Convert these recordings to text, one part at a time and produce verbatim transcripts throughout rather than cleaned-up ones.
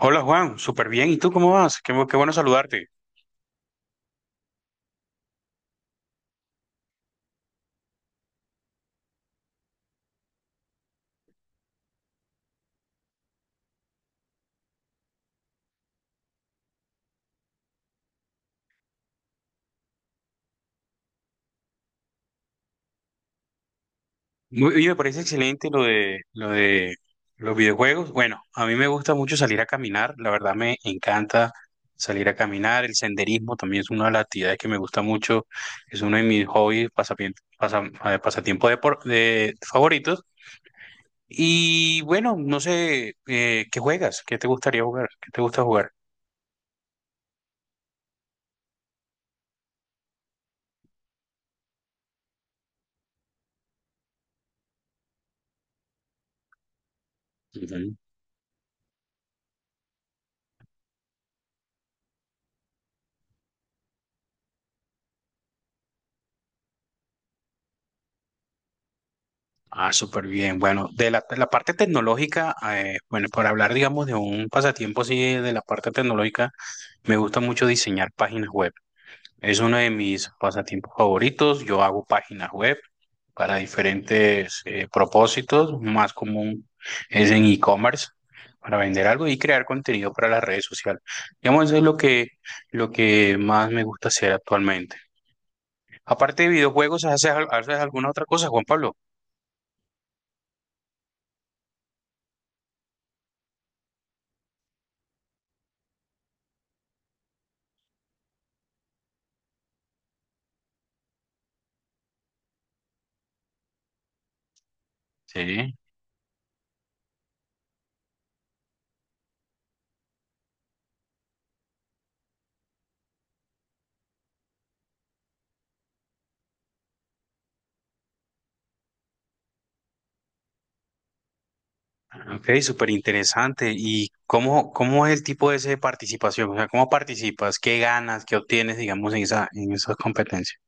Hola Juan, súper bien. ¿Y tú cómo vas? Qué, bu- qué bueno saludarte. Muy, oye, me parece excelente lo de, lo de los videojuegos. Bueno, a mí me gusta mucho salir a caminar. La verdad me encanta salir a caminar. El senderismo también es una de las actividades que me gusta mucho. Es uno de mis hobbies, pasapien- pasa- eh, pasatiempos de, por- de favoritos. Y bueno, no sé, eh, ¿qué juegas? ¿Qué te gustaría jugar? ¿Qué te gusta jugar? Ah, súper bien. Bueno, de la, la parte tecnológica, eh, bueno, para hablar, digamos, de un pasatiempo así de, de la parte tecnológica, me gusta mucho diseñar páginas web. Es uno de mis pasatiempos favoritos. Yo hago páginas web para diferentes eh, propósitos. Más común es en e-commerce, para vender algo y crear contenido para las redes sociales. Digamos, eso es lo que, lo que más me gusta hacer actualmente. Aparte de videojuegos, ¿haces, al- haces alguna otra cosa, Juan Pablo? Sí. Ok, súper interesante. ¿Y cómo, cómo es el tipo ese de participación? O sea, ¿cómo participas? ¿Qué ganas? ¿Qué obtienes, digamos, en esa, en esas competencias?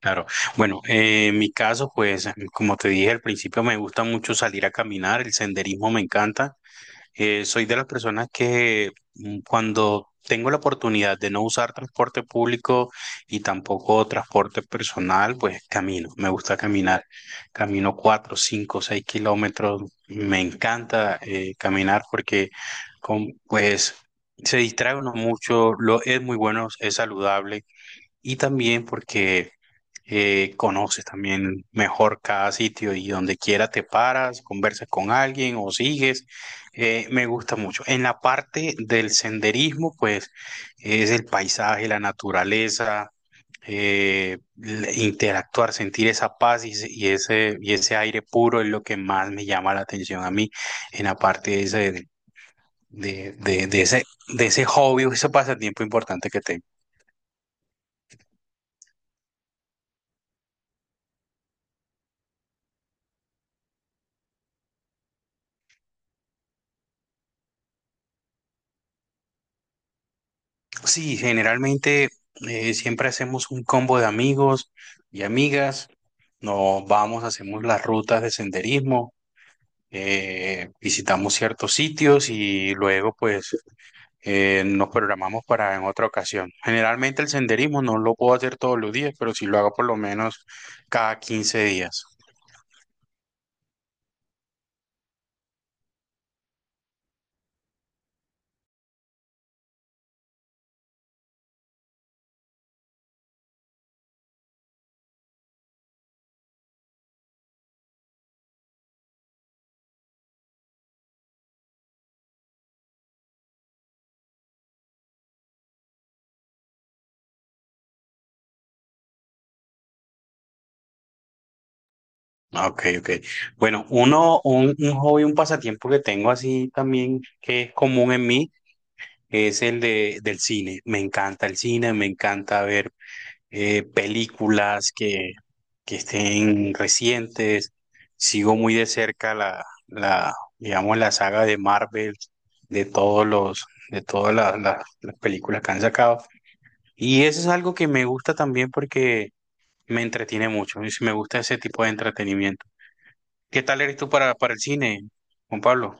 Claro. Bueno, eh, en mi caso, pues, como te dije al principio, me gusta mucho salir a caminar, el senderismo me encanta. Eh, soy de las personas que mm, cuando tengo la oportunidad de no usar transporte público y tampoco transporte personal, pues camino. Me gusta caminar. Camino cuatro, cinco, seis kilómetros. Me encanta eh, caminar porque con, pues se distrae uno mucho. Lo, es muy bueno, es saludable y también porque eh, conoces también mejor cada sitio y donde quiera te paras, conversas con alguien o sigues. Eh, me gusta mucho. En la parte del senderismo, pues es el paisaje, la naturaleza, eh, l- interactuar, sentir esa paz y, ese- y ese, y ese aire puro es lo que más me llama la atención a mí en la parte de ese, de, de, de ese, de ese hobby o ese pasatiempo importante que tengo. Sí, generalmente eh, siempre hacemos un combo de amigos y amigas. Nos vamos, hacemos las rutas de senderismo, eh, visitamos ciertos sitios y luego pues eh, nos programamos para en otra ocasión. Generalmente el senderismo no lo puedo hacer todos los días, pero sí lo hago por lo menos cada quince días. Ah, Ok, ok. Bueno, uno, un, un hobby, un pasatiempo que tengo así también que es común en mí es el de, del cine. Me encanta el cine, me encanta ver eh, películas que, que estén recientes. Sigo muy de cerca la, la, digamos, la saga de Marvel, de todos los, de todas la- la- las películas que han sacado. Y eso es algo que me gusta también porque me entretiene mucho. Y me gusta ese tipo de entretenimiento. ¿Qué tal eres tú para, para el cine, Juan Pablo?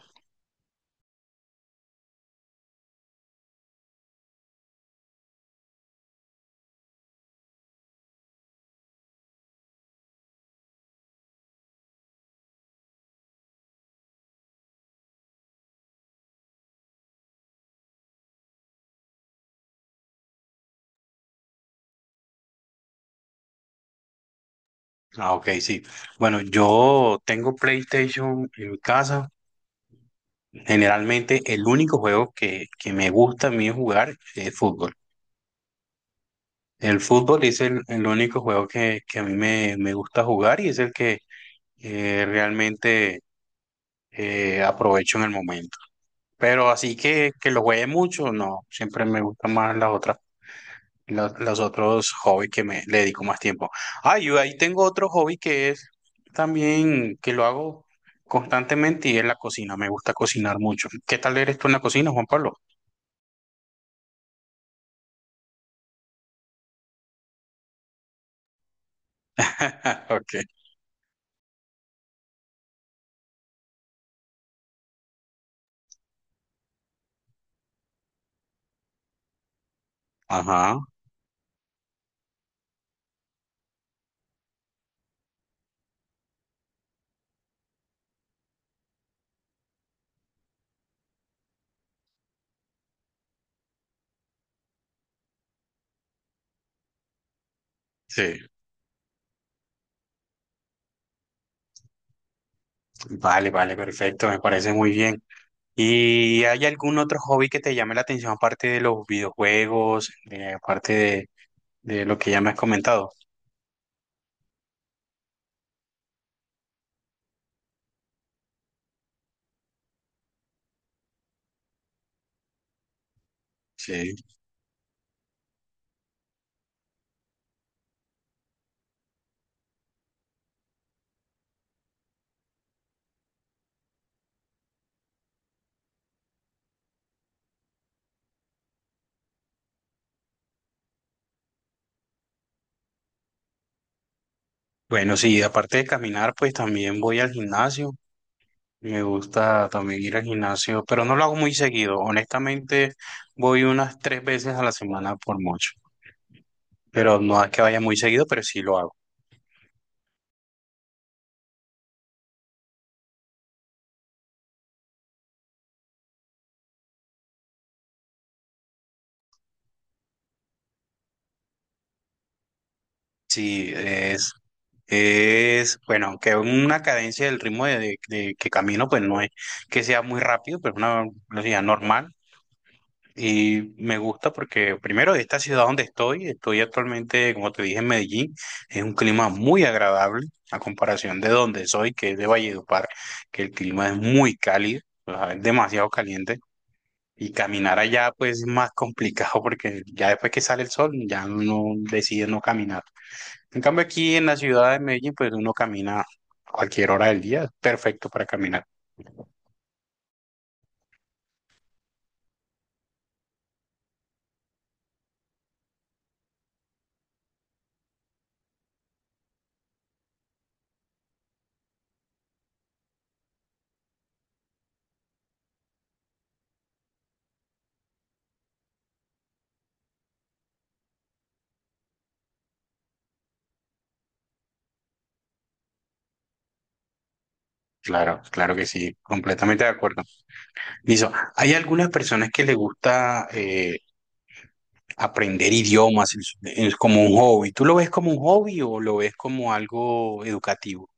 Ah, ok, sí. Bueno, yo tengo PlayStation en mi casa. Generalmente el único juego que, que me gusta a mí jugar es fútbol. El fútbol es el, el único juego que, que a mí me, me gusta jugar y es el que eh, realmente eh, aprovecho en el momento. Pero así que, que lo juegue mucho, no, siempre me gustan más las otras, la- los otros hobbies que me le dedico más tiempo. Ah, yo ahí tengo otro hobby que es también que lo hago constantemente y es la cocina. Me gusta cocinar mucho. ¿Qué tal eres tú en la cocina, Juan Pablo? Ok. Ajá, sí. Vale, vale, perfecto, me parece muy bien. ¿Y hay algún otro hobby que te llame la atención aparte de los videojuegos, eh, aparte de, de lo que ya me has comentado? Sí. Bueno, sí, aparte de caminar, pues también voy al gimnasio. Me gusta también ir al gimnasio, pero no lo hago muy seguido. Honestamente, voy unas tres veces a la semana por mucho, pero no es que vaya muy seguido, pero sí lo hago. Sí, Es, bueno, aunque una cadencia del ritmo de, de- de que camino, pues no es que sea muy rápido, pero es una velocidad normal. Y me gusta porque, primero, de esta ciudad donde estoy, estoy actualmente, como te dije, en Medellín, es un clima muy agradable a comparación de donde soy, que es de Valledupar, que el clima es muy cálido, o sea, es demasiado caliente. Y caminar allá, pues es más complicado porque ya después que sale el sol, ya uno decide no caminar. En cambio, aquí en la ciudad de Medellín, pues uno camina a cualquier hora del día, perfecto para caminar. Claro, claro que sí, completamente de acuerdo. Listo, hay algunas personas que les gusta eh, aprender idiomas. Es su- como un hobby. ¿Tú lo ves como un hobby o lo ves como algo educativo?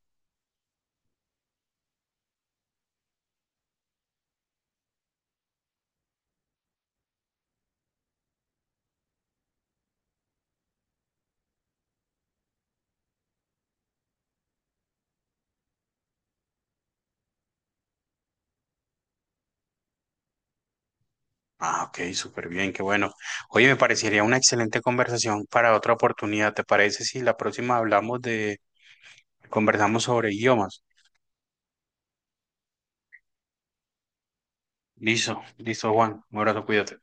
Ah, ok, súper bien, qué bueno. Oye, me parecería una excelente conversación para otra oportunidad. ¿Te parece si la próxima hablamos de, conversamos sobre idiomas? Listo, listo, Juan. Un abrazo, cuídate.